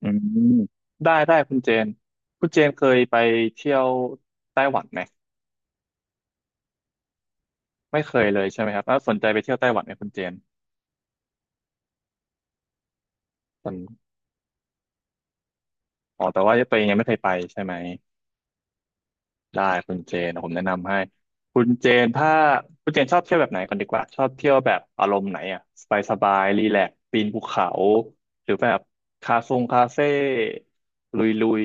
อืมได้คุณเจนเคยไปเที่ยวไต้หวันไหมไม่เคยเลยใช่ไหมครับแล้วสนใจไปเที่ยวไต้หวันไหมคุณเจนสนอ๋อแต่ว่าตัวเองยังไม่เคยไปใช่ไหมได้คุณเจนผมแนะนำให้คุณเจนถ้าคุณเจนชอบเที่ยวแบบไหนก่อนดีกว่าชอบเที่ยวแบบอารมณ์ไหนอ่ะสบายสบายรีแลกซ์ปีนภูเขาหรือแบบคาทรงคาเฟ่ลุยลุย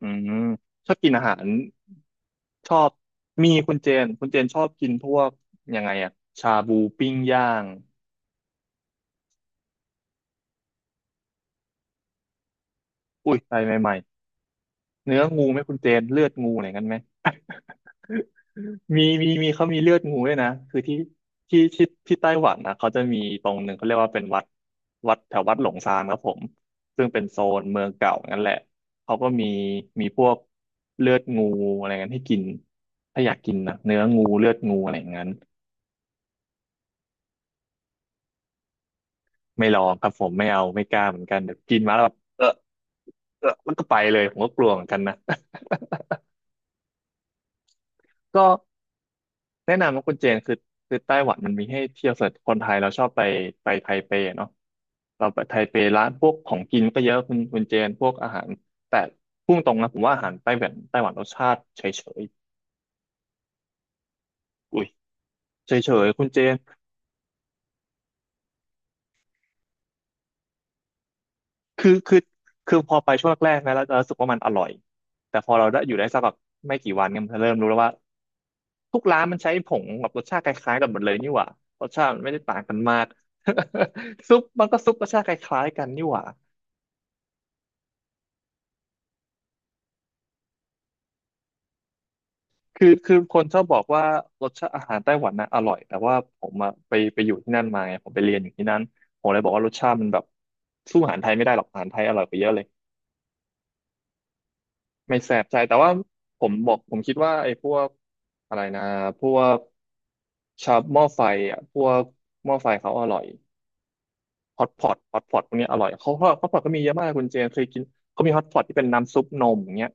อืมชอบกินอาหารชอบมีคุณเจนชอบกินพวกยังไงอะชาบูปิ้งย่างอุ้ยอะไรใหม่ๆเนื้องูไหมคุณเจนเลือดงูอะไรกันไหมมีเขามีเลือดงูด้วยนะคือที่ที่ไต้หวันนะเขาจะมีตรงหนึ่งเขาเรียกว่าเป็นวัดวัดแถววัดหลงซานครับผมซึ่งเป็นโซนเมืองเก่านั่นแหละเขาก็มีพวกเลือดงูอะไรกันให้กินถ้าอยากกินนะเนื้องูเลือดงูอะไรอย่างนั้น ไม่ลองครับผมไม่เอาไม่กล้าเหมือนกันเดี๋ยวกินมาแล้วแบบเออมันก็ไปเลยผมก็กลัวเหมือนกันนะ ก็แนะนำว่าคุณเจนคือไต้หวันมันมีให้เที่ยวสำหรับคนไทยเราชอบไปไทเปเนาะเราไปไทเปร้านพวกของกินก็เยอะคุณเจนพวกอาหารแต่พุ่งตรงนะผมว่าอาหารไต้หวันรสชาติเฉยๆอุ้ยเฉยๆคุณเจนคือคือคือพอไปช่วงแรกๆนะแล้วเรารู้สึกว่ามันอร่อยแต่พอเราได้อยู่ได้สักแบบไม่กี่วันเนี่ยมันจะเริ่มรู้แล้วว่า ทุกร้านมันใช้ผงแบบรสชาติคล้ายๆกันหมดเลยนี่หว่ารสชาติมันไม่ได้ต่างกันมาก ซุปมันก็ซุปรสชาติคล้ายๆกันนี่หว่าคือคนชอบบอกว่ารสชาติอาหารไต้หวันนะอร่อยแต่ว่าผมอะไปอยู่ที่นั่นมาไงผมไปเรียนอยู่ที่นั่นผมเลยบอกว่ารสชาติมันแบบสู้อาหารไทยไม่ได้หรอกอาหารไทยอร่อยกว่าเยอะเลยไม่แสบใจแต่ว่าผมบอกผมคิดว่าไอ้พวกอะไรนะพวกชาบหม้อไฟอ่ะพวกหม้อไฟเขาอร่อย ฮอตพอตพวกเนี้ยอร่อยเขาฮอตพอตก็มีเยอะมากคุณเจนเคยกินเขามีฮอตพอตที่เป็นน้ำซุปนมอย่างเงี้ย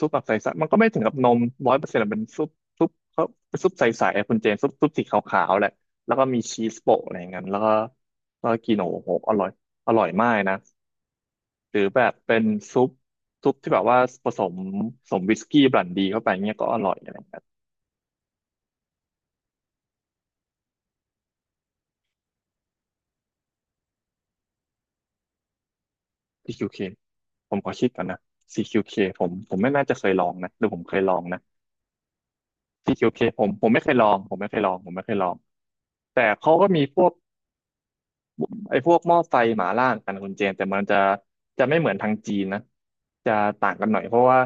ซุปแบบใสๆมันก็ไม่ถึงกับนมร้อยเปอร์เซ็นต์เป็นซุปซุปเขาเป็นซุปใสๆอะคุณเจนซุปสีขาวๆแหละแล้วก็มีชีสโปะอะไรอย่างเงี้ยแล้วก็กินโอ้โหอร่อยอร่อยมากนะหรือแบบเป็นซุปซุปที่แบบว่าผสมผสมวิสกี้บรันดีเข้าไปเงี้ยก็อร่อยอะไรอย่างเงี้ย CQK ผมขอคิดก่อนนะ CQK ผมไม่น่าจะเคยลองนะหรือผมเคยลองนะ CQK ผมไม่เคยลองผมไม่เคยลองผมไม่เคยลองแต่เขาก็มีพวกไอ้พวกหม้อไฟหมาล่างหมนกันนะคุณเจนแต่มันจะจะไม่เหมือนทางจีนนะจะต่างกันหน่อยเพราะว่า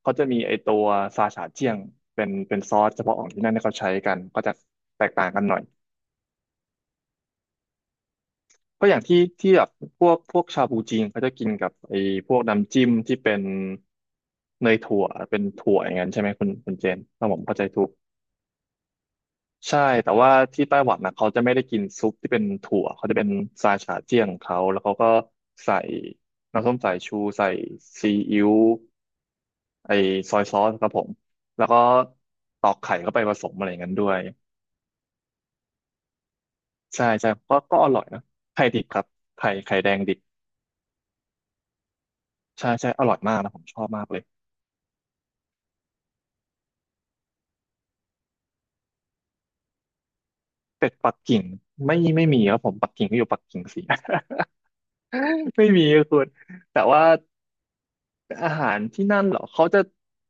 เขาจะมีไอ้ตัวซาชาเจียงเป็นซอสเฉพาะของที่นั่นที่เขาใช้กันก็จะแตกต่างกันหน่อยก็อย่างที่ที่แบบพวกชาบูจีนเขาจะกินกับไอ้พวกน้ำจิ้มที่เป็นเนยถั่วเป็นถั่วอย่างนั้นใช่ไหมคุณเจนถ้าผมเข้าใจถูก ใช่แต่ว่าที่ไต้หวันนะเขาจะไม่ได้กินซุปที่เป็นถั่วเขาจะเป็นซาชาเจี้ยงของเขาแล้วเขาก็ใส่น้ำส้มสายชูใส่ซีอิ๊วไอซอยซอสครับผมแล้วก็ตอกไข่เข้าไปผสมอะไรอย่างนั้นด้วยใช่ใช่ก็อร่อยนะไข่ดิบครับไข่แดงดิบใช่ใช่อร่อยมากนะผมชอบมากเลยเป็ดปักกิ่งไม่มีครับผมปักกิ่งก็อยู่ปักกิ่งสิ ไม่มีครับคุณแต่ว่า อาหารที่นั่นเหรอเขาจะ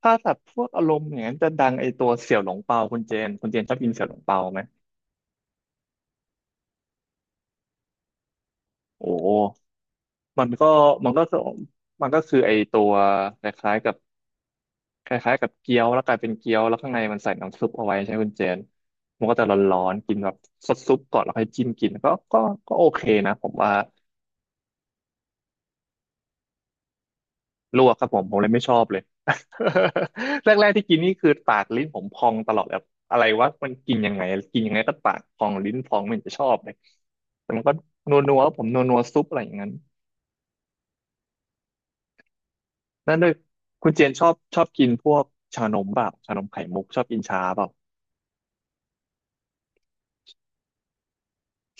ถ้าสัตว์พวกอารมณ์อย่างนั้นจะดังไอตัวเสี่ยวหลงเปาคุณเจนชอบกินเสี่ยวหลงเปาไหมโอ้มันก็มันก็คือมันก็คือไอตัวคล้ายๆกับคล้ายๆกับเกี๊ยวแล้วกลายเป็นเกี๊ยวแล้วข้างในมันใส่น้ำซุปเอาไว้ใช่ไหมคุณเจนมันก็จะร้อนๆกินแบบซดซุปก่อนแล้วค่อยจิ้มกินก็โอเคนะผมว่า ลวกครับผมเลยไม่ชอบเลย แรกๆที่กินนี่คือปากลิ้นผมพองตลอดแบบอะไรวะมันกินยังไงกินยังไงก็ปากพองลิ้นพองไม่เห็นจะชอบเลยแต่มันก็นัวๆผมนัวๆซุปอะไรอย่างนั้นนั่นด้วยคุณเจนชอบกินพวกชานมเปล่าชานมไข่มุกชอบกินชาเปล่า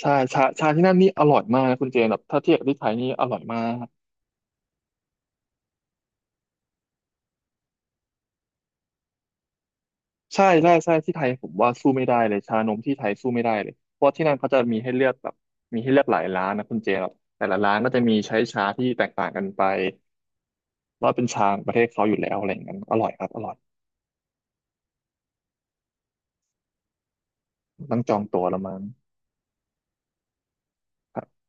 ใช่ชาที่นั่นนี่อร่อยมากนะคุณเจนแบบถ้าเทียบกับที่ไทยนี่อร่อยมาก ใช่ใช่ใช่ที่ไทยผมว่าสู้ไม่ได้เลยชานมที่ไทยสู้ไม่ได้เลยเพราะที่นั่นเขาจะมีให้เลือกแบบมีให้เลือกหลายร้านนะคุณเจครับแต่ละร้านก็จะมีใช้ชาที่แตกต่างกันไปว่าเป็นชาของประเทศเขาอยู่แล้วอะไรอย่างนั้นอร่อยครับอร่อยต้องจองตัวละมั้งครับ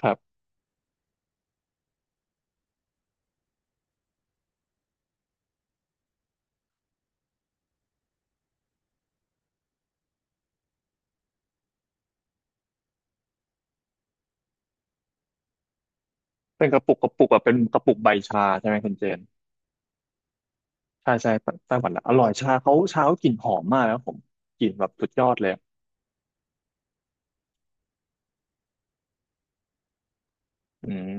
ครับเป็นกระปุกอะเป็นกระปุกใบชาใช่ไหมคุณเจนใช่ใช่ไต้หวันนะอร่อยชาเขากลิ่นหอมมากนะครับผมกลิ่นแบบสุดยอดเลยอืม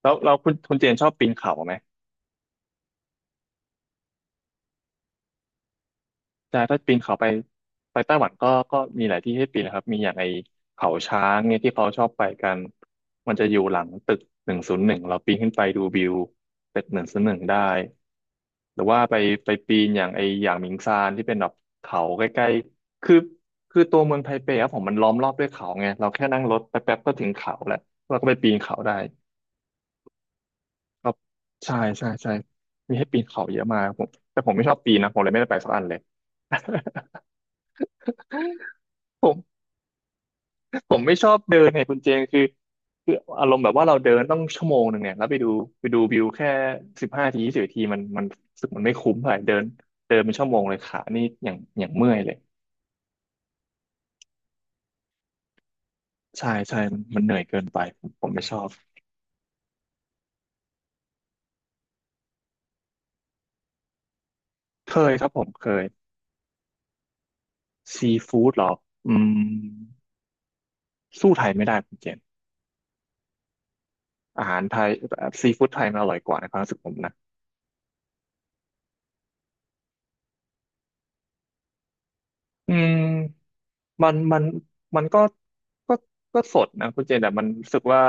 แล้วเราคุณคุณเจนชอบปีนเขาไหม ใช่ถ้าปีนเขาไปไปไต้หวันก็มีหลายที่ให้ปีนนะครับมีอย่างไอเขาช้างเนี่ยที่เขาชอบไปกันมันจะอยู่หลังตึกหนึ่งศูนย์หนึ่งเราปีนขึ้นไปดูวิวตึกหนึ่งศูนย์หนึ่งได้หรือว่าไปปีนอย่างไออย่างหมิงซานที่เป็นแบบเขาใกล้ๆคือตัวเมืองไทเปครับผมมันล้อมรอบด้วยเขาไงเราแค่นั่งรถแป๊บๆก็ถึงเขาแล้วเราก็ไปปีนเขาได้ก็ใช่ใช่ใช่มีให้ปีนเขาเยอะมากครับผมแต่ผมไม่ชอบปีนนะผมเลยไม่ได้ไปสักอันเลย ผม ผมไม่ชอบเดินไงคุณเจงคือคืออารมณ์แบบว่าเราเดินต้องชั่วโมงหนึ่งเนี่ยแล้วไปดูวิวแค่15ที20ทีมันรู้สึกมันไม่คุ้มเท่าไหร่เดินเดินเป็นชั่วโมงเลยขานี่อย่างเมื่อยเลยใช่ใช่มันเหนื่อยเกินไปผมไม่ชอบเคยครับผมเคยซีฟู้ดหรออืมสู้ไทยไม่ได้คุณเจนอาหารไทยซีฟู้ดไทยมันอร่อยกว่าในความรู้สึกผมนะอืม มันมันก็ก็สดนะคุณเจนแต่มันรู้สึกว่า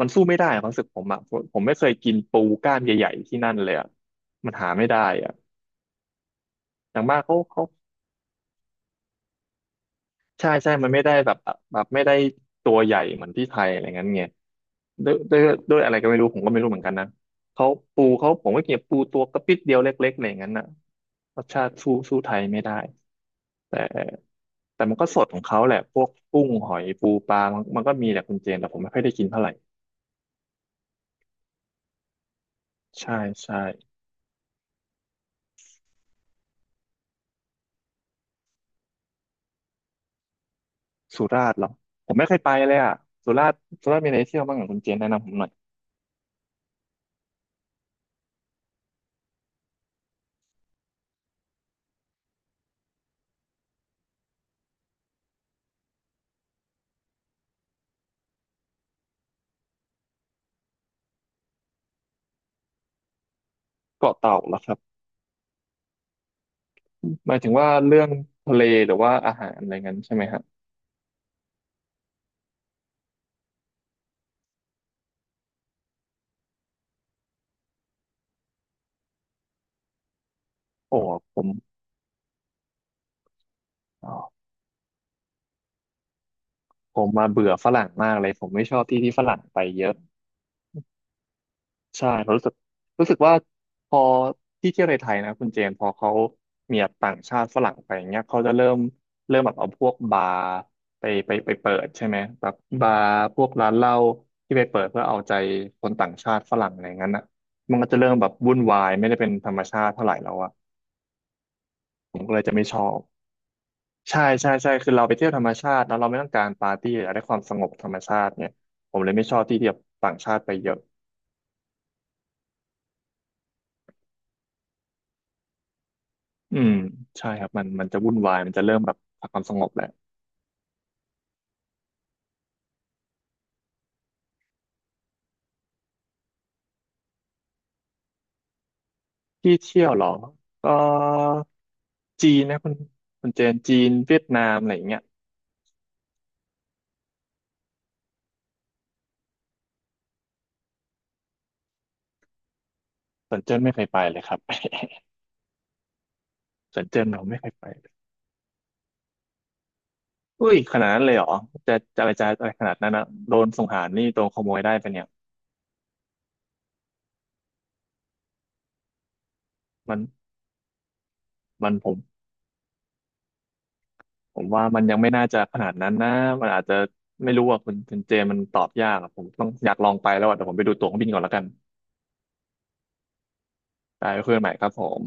มันสู้ไม่ได้ความรู้สึกผมอะผมไม่เคยกินปูกล้ามใหญ่ๆที่นั่นเลยอะมันหาไม่ได้อะอย่างมากเขาใช่ใช่มันไม่ได้แบบแบบไม่ได้ตัวใหญ่เหมือนที่ไทยอะไรเง้ยไงด้วยด้วยด้วยอะไรก็ไม่รู้ผมก็ไม่รู้เหมือนกันนะเขาปูเขาผมก็กินปูตัวกระปิดเดียวเล็กๆอะไรอย่างนั้นน่ะรสชาติสู้ไทยไม่ได้แต่ แต่มันก็สดของเขาแหละพวกกุ้งหอยปูปลามันก็มีแหละคุณเจนแต่ผมไม่ค่อยได้กินเท่าไหร่ใช่ใช่สุราษฎร์เหรอผมไม่เคยไปเลยอ่ะสุราษฎร์มีอะไรเที่ยวบ้างอ่ะคุณเจนแนะนำผมหน่อยเกาะเต่าเหรอครับหมายถึงว่าเรื่องทะเลหรือว่าอาหารอะไรงั้นใช่ไหมฮะโอ้ผมอ๋อผมมาเบื่อฝรั่งมากเลยผมไม่ชอบที่ฝรั่งไปเยอะ ใช่ผมรู้สึกว่าพอที่เที่ยวในไทยนะคุณเจนพอเขามีแบบต่างชาติฝรั่งไปอย่างเงี้ยเขาจะเริ่มแบบเอาพวกบาร์ไปเปิดใช่ไหมแบบบาร์พวกร้านเหล้าที่ไปเปิดเพื่อเอาใจคนต่างชาติฝรั่งอะไรอย่างนั้นอ่ะมันก็จะเริ่มแบบวุ่นวายไม่ได้เป็นธรรมชาติเท่าไหร่แล้วอ่ะผมก็เลยจะไม่ชอบใช่ใช่ใช่คือเราไปเที่ยวธรรมชาติแล้วเราไม่ต้องการปาร์ตี้อยากได้ความสงบธรรมชาติเนี่ยผมเลยไม่ชอบที่แบบต่างชาติไปเยอะ อืมใช่ครับมันจะวุ่นวายมันจะเริ่มแบบหาความสงบแหละที่เที่ยวเหรอก็จีนนะคุณคุณเจนจีนเวียดนามอะไรอย่างเงี้ยสวนเจิ้นไม่เคยไปเลยครับ สวนเจิ้นเราไม่เคยไปเลยอุ้ยขนาดนั้นเลยเหรอจะอะไรขนาดนั้นนะโดนสงหารนี่โดนขโมยได้ปะเนี่ยมันมันผมว่ามันยังไม่น่าจะขนาดนั้นนะมันอาจจะไม่รู้อ่ะคุณคุณเจนมันตอบยากอะผมต้องอยากลองไปแล้วอ่ะเดี๋ยวผมไปดูตั๋วเครื่องบินก่อนแล้วกันได้เพื่อนใหม่ครับผม